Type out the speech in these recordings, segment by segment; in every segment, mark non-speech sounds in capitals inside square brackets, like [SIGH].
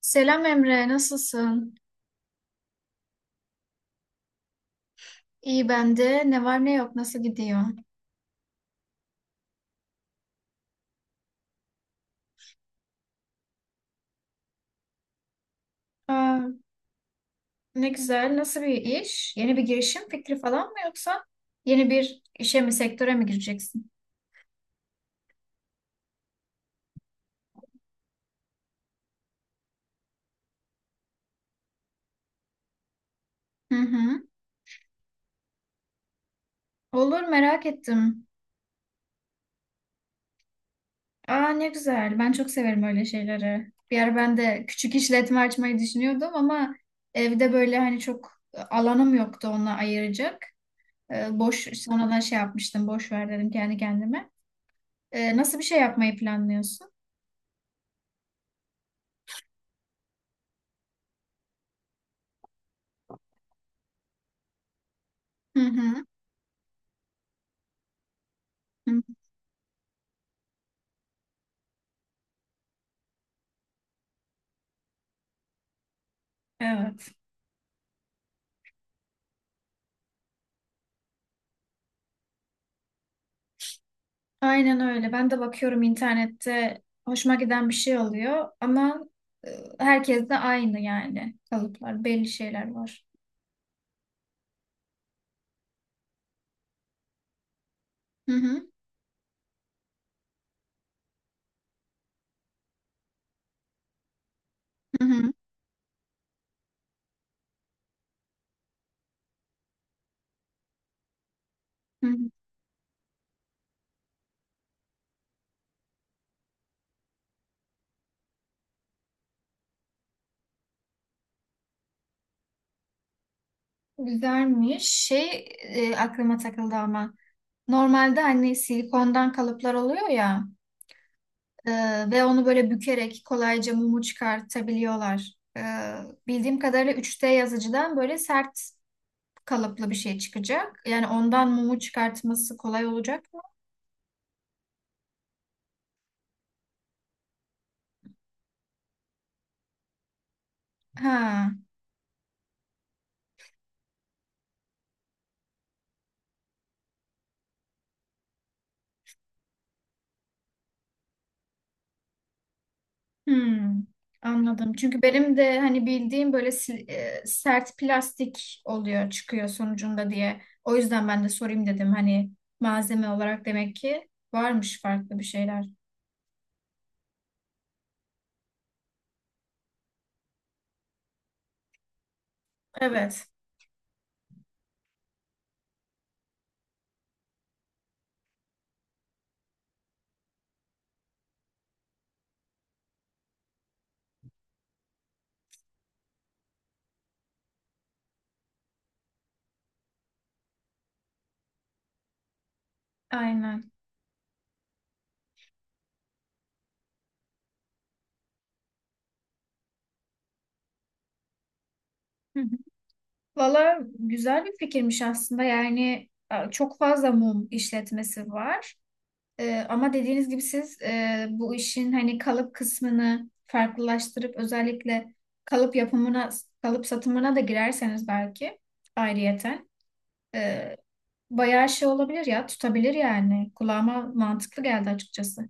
Selam Emre, nasılsın? İyi ben de. Ne var ne yok, nasıl gidiyor? Aa, ne güzel. Nasıl bir iş? Yeni bir girişim fikri falan mı yoksa yeni bir işe mi, sektöre mi gireceksin? Hı hı. Olur, merak ettim. Aa, ne güzel. Ben çok severim öyle şeyleri. Bir ara ben de küçük işletme açmayı düşünüyordum ama evde böyle hani çok alanım yoktu onunla ayıracak. Boş sonradan şey yapmıştım. Boş ver dedim kendi kendime. Nasıl bir şey yapmayı planlıyorsun? Hı hı. Evet. Aynen öyle. Ben de bakıyorum internette hoşuma giden bir şey oluyor ama e, herkes de aynı yani kalıplar, belli şeyler var. Hı hı, hı hı, hı hı. Güzelmiş. Aklıma takıldı ama normalde hani silikondan kalıplar oluyor ya e, ve onu böyle bükerek kolayca mumu çıkartabiliyorlar. Bildiğim kadarıyla 3D yazıcıdan böyle sert kalıplı bir şey çıkacak. Yani ondan mumu çıkartması kolay olacak mı? Ha. Hmm, anladım. Çünkü benim de hani bildiğim böyle sert plastik oluyor çıkıyor sonucunda diye. O yüzden ben de sorayım dedim. Hani malzeme olarak demek ki varmış farklı bir şeyler. Evet, aynen. Hı hı. Valla güzel bir fikirmiş aslında. Yani çok fazla mum işletmesi var. Ama dediğiniz gibi siz bu işin hani kalıp kısmını farklılaştırıp özellikle kalıp yapımına, kalıp satımına da girerseniz belki ayrıyeten e, bayağı şey olabilir ya tutabilir yani. Kulağıma mantıklı geldi açıkçası.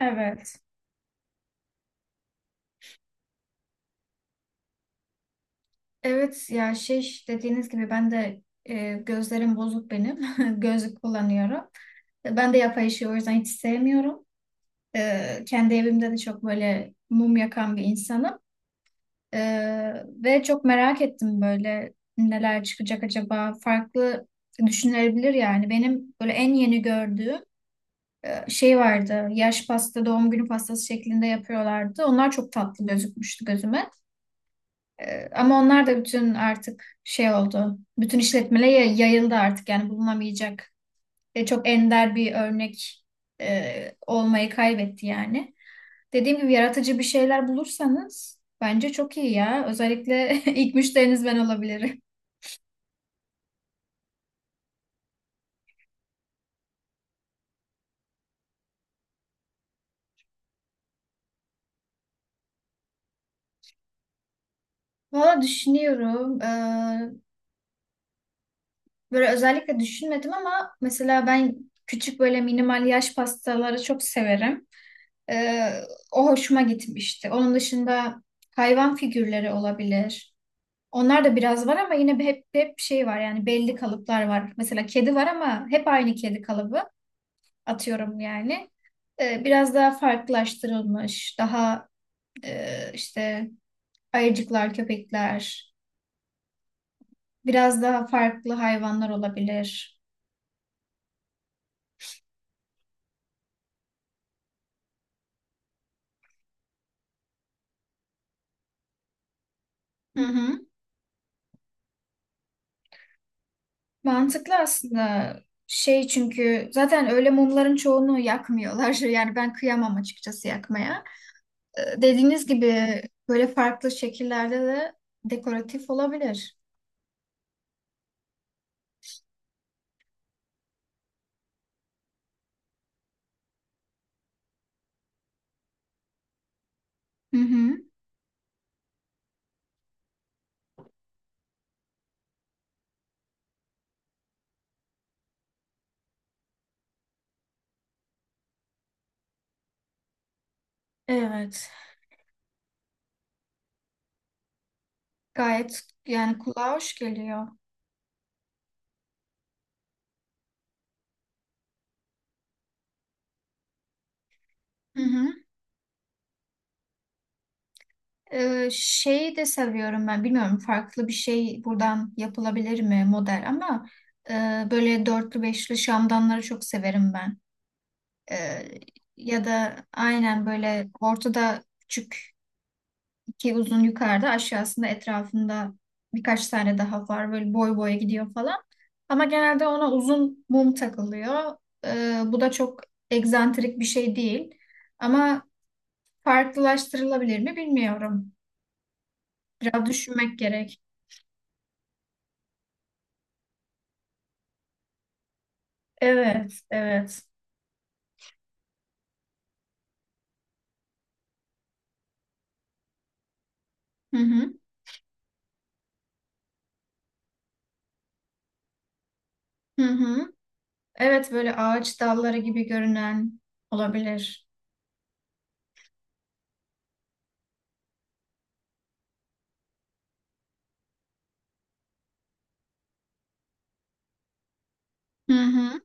Evet. Evet ya şey dediğiniz gibi ben de gözlerim bozuk benim. [LAUGHS] Gözlük kullanıyorum. Ben de yapay ışığı o yüzden hiç sevmiyorum. Kendi evimde de çok böyle mum yakan bir insanım. Ve çok merak ettim böyle neler çıkacak acaba farklı düşünülebilir yani benim böyle en yeni gördüğüm şey vardı, yaş pasta, doğum günü pastası şeklinde yapıyorlardı, onlar çok tatlı gözükmüştü gözüme. Ama onlar da bütün artık şey oldu, bütün işletmelere yayıldı artık, yani bulunamayacak ve çok ender bir örnek olmayı kaybetti yani. Dediğim gibi yaratıcı bir şeyler bulursanız bence çok iyi ya. Özellikle [LAUGHS] ilk müşteriniz ben olabilirim. Valla düşünüyorum. Böyle özellikle düşünmedim ama mesela ben küçük böyle minimal yaş pastaları çok severim. Ee, O hoşuma gitmişti. Onun dışında hayvan figürleri olabilir. Onlar da biraz var ama yine hep şey var yani belli kalıplar var. Mesela kedi var ama hep aynı kedi kalıbı atıyorum yani. Biraz daha farklılaştırılmış, daha işte ayıcıklar, köpekler, biraz daha farklı hayvanlar olabilir. Hı hı. Mantıklı aslında. Şey çünkü zaten öyle mumların çoğunu yakmıyorlar. [LAUGHS] Yani ben kıyamam açıkçası yakmaya. Dediğiniz gibi böyle farklı şekillerde de dekoratif olabilir. Hı hı. Evet. Gayet yani kulağa hoş geliyor. Hı hı. Şeyi de seviyorum ben. Bilmiyorum farklı bir şey buradan yapılabilir mi model, ama e, böyle dörtlü beşli şamdanları çok severim ben. Ee, Ya da aynen böyle ortada küçük iki uzun, yukarıda aşağısında etrafında birkaç tane daha var. Böyle boy boya gidiyor falan. Ama genelde ona uzun mum takılıyor. Bu da çok egzantrik bir şey değil. Ama farklılaştırılabilir mi bilmiyorum. Biraz düşünmek gerek. Evet, evet. Hı hı, hı hı. Evet, böyle ağaç dalları gibi görünen olabilir. Hı hı.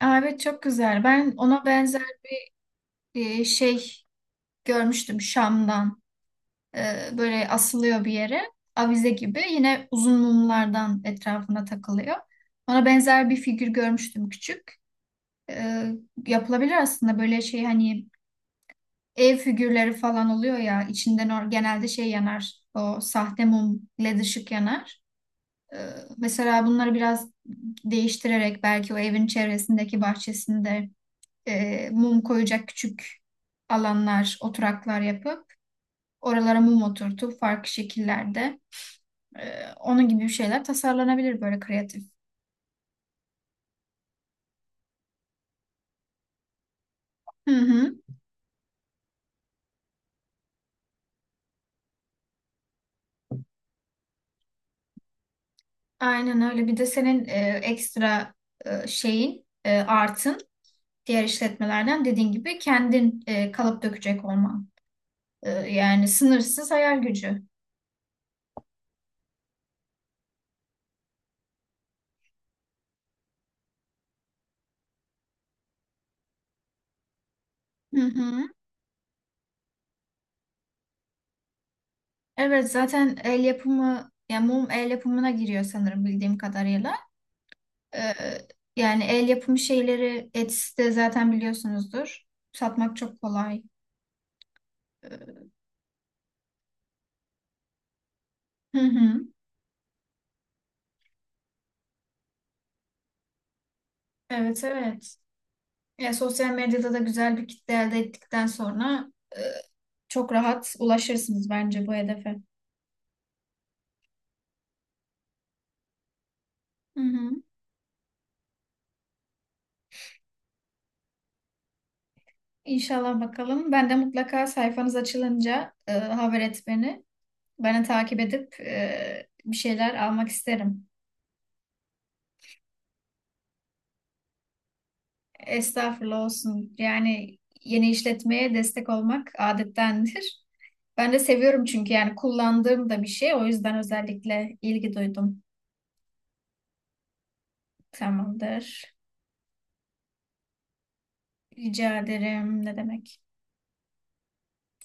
Aa, evet, çok güzel. Ben ona benzer şey görmüştüm Şam'dan. Böyle asılıyor bir yere. Avize gibi. Yine uzun mumlardan etrafına takılıyor. Ona benzer bir figür görmüştüm küçük. Ee, Yapılabilir aslında böyle şey hani ev figürleri falan oluyor ya içinden genelde şey yanar. O sahte mum led ışık yanar. Ee, Mesela bunları biraz değiştirerek belki o evin çevresindeki bahçesinde mum koyacak küçük alanlar, oturaklar yapıp oralara mum oturtup farklı şekillerde onun gibi bir şeyler tasarlanabilir böyle kreatif. Hı hı. Aynen öyle. Bir de senin ekstra şeyin, artın diğer işletmelerden dediğin gibi kendin kalıp dökecek olman. Yani sınırsız hayal gücü. Hı hı. Evet zaten el yapımı, yani mum el yapımına giriyor sanırım bildiğim kadarıyla. Ee, Yani el yapımı şeyleri Etsy'de zaten biliyorsunuzdur. Satmak çok kolay. Ee, hı hı. Evet evet. Ya sosyal medyada da güzel bir kitle elde ettikten sonra e, çok rahat ulaşırsınız bence bu hedefe. Hı hı. İnşallah bakalım. Ben de mutlaka sayfanız açılınca haber et beni. Beni takip edip bir şeyler almak isterim. Estağfurullah olsun. Yani yeni işletmeye destek olmak adettendir. Ben de seviyorum çünkü yani kullandığım da bir şey. O yüzden özellikle ilgi duydum. Tamamdır. Rica ederim. Ne demek?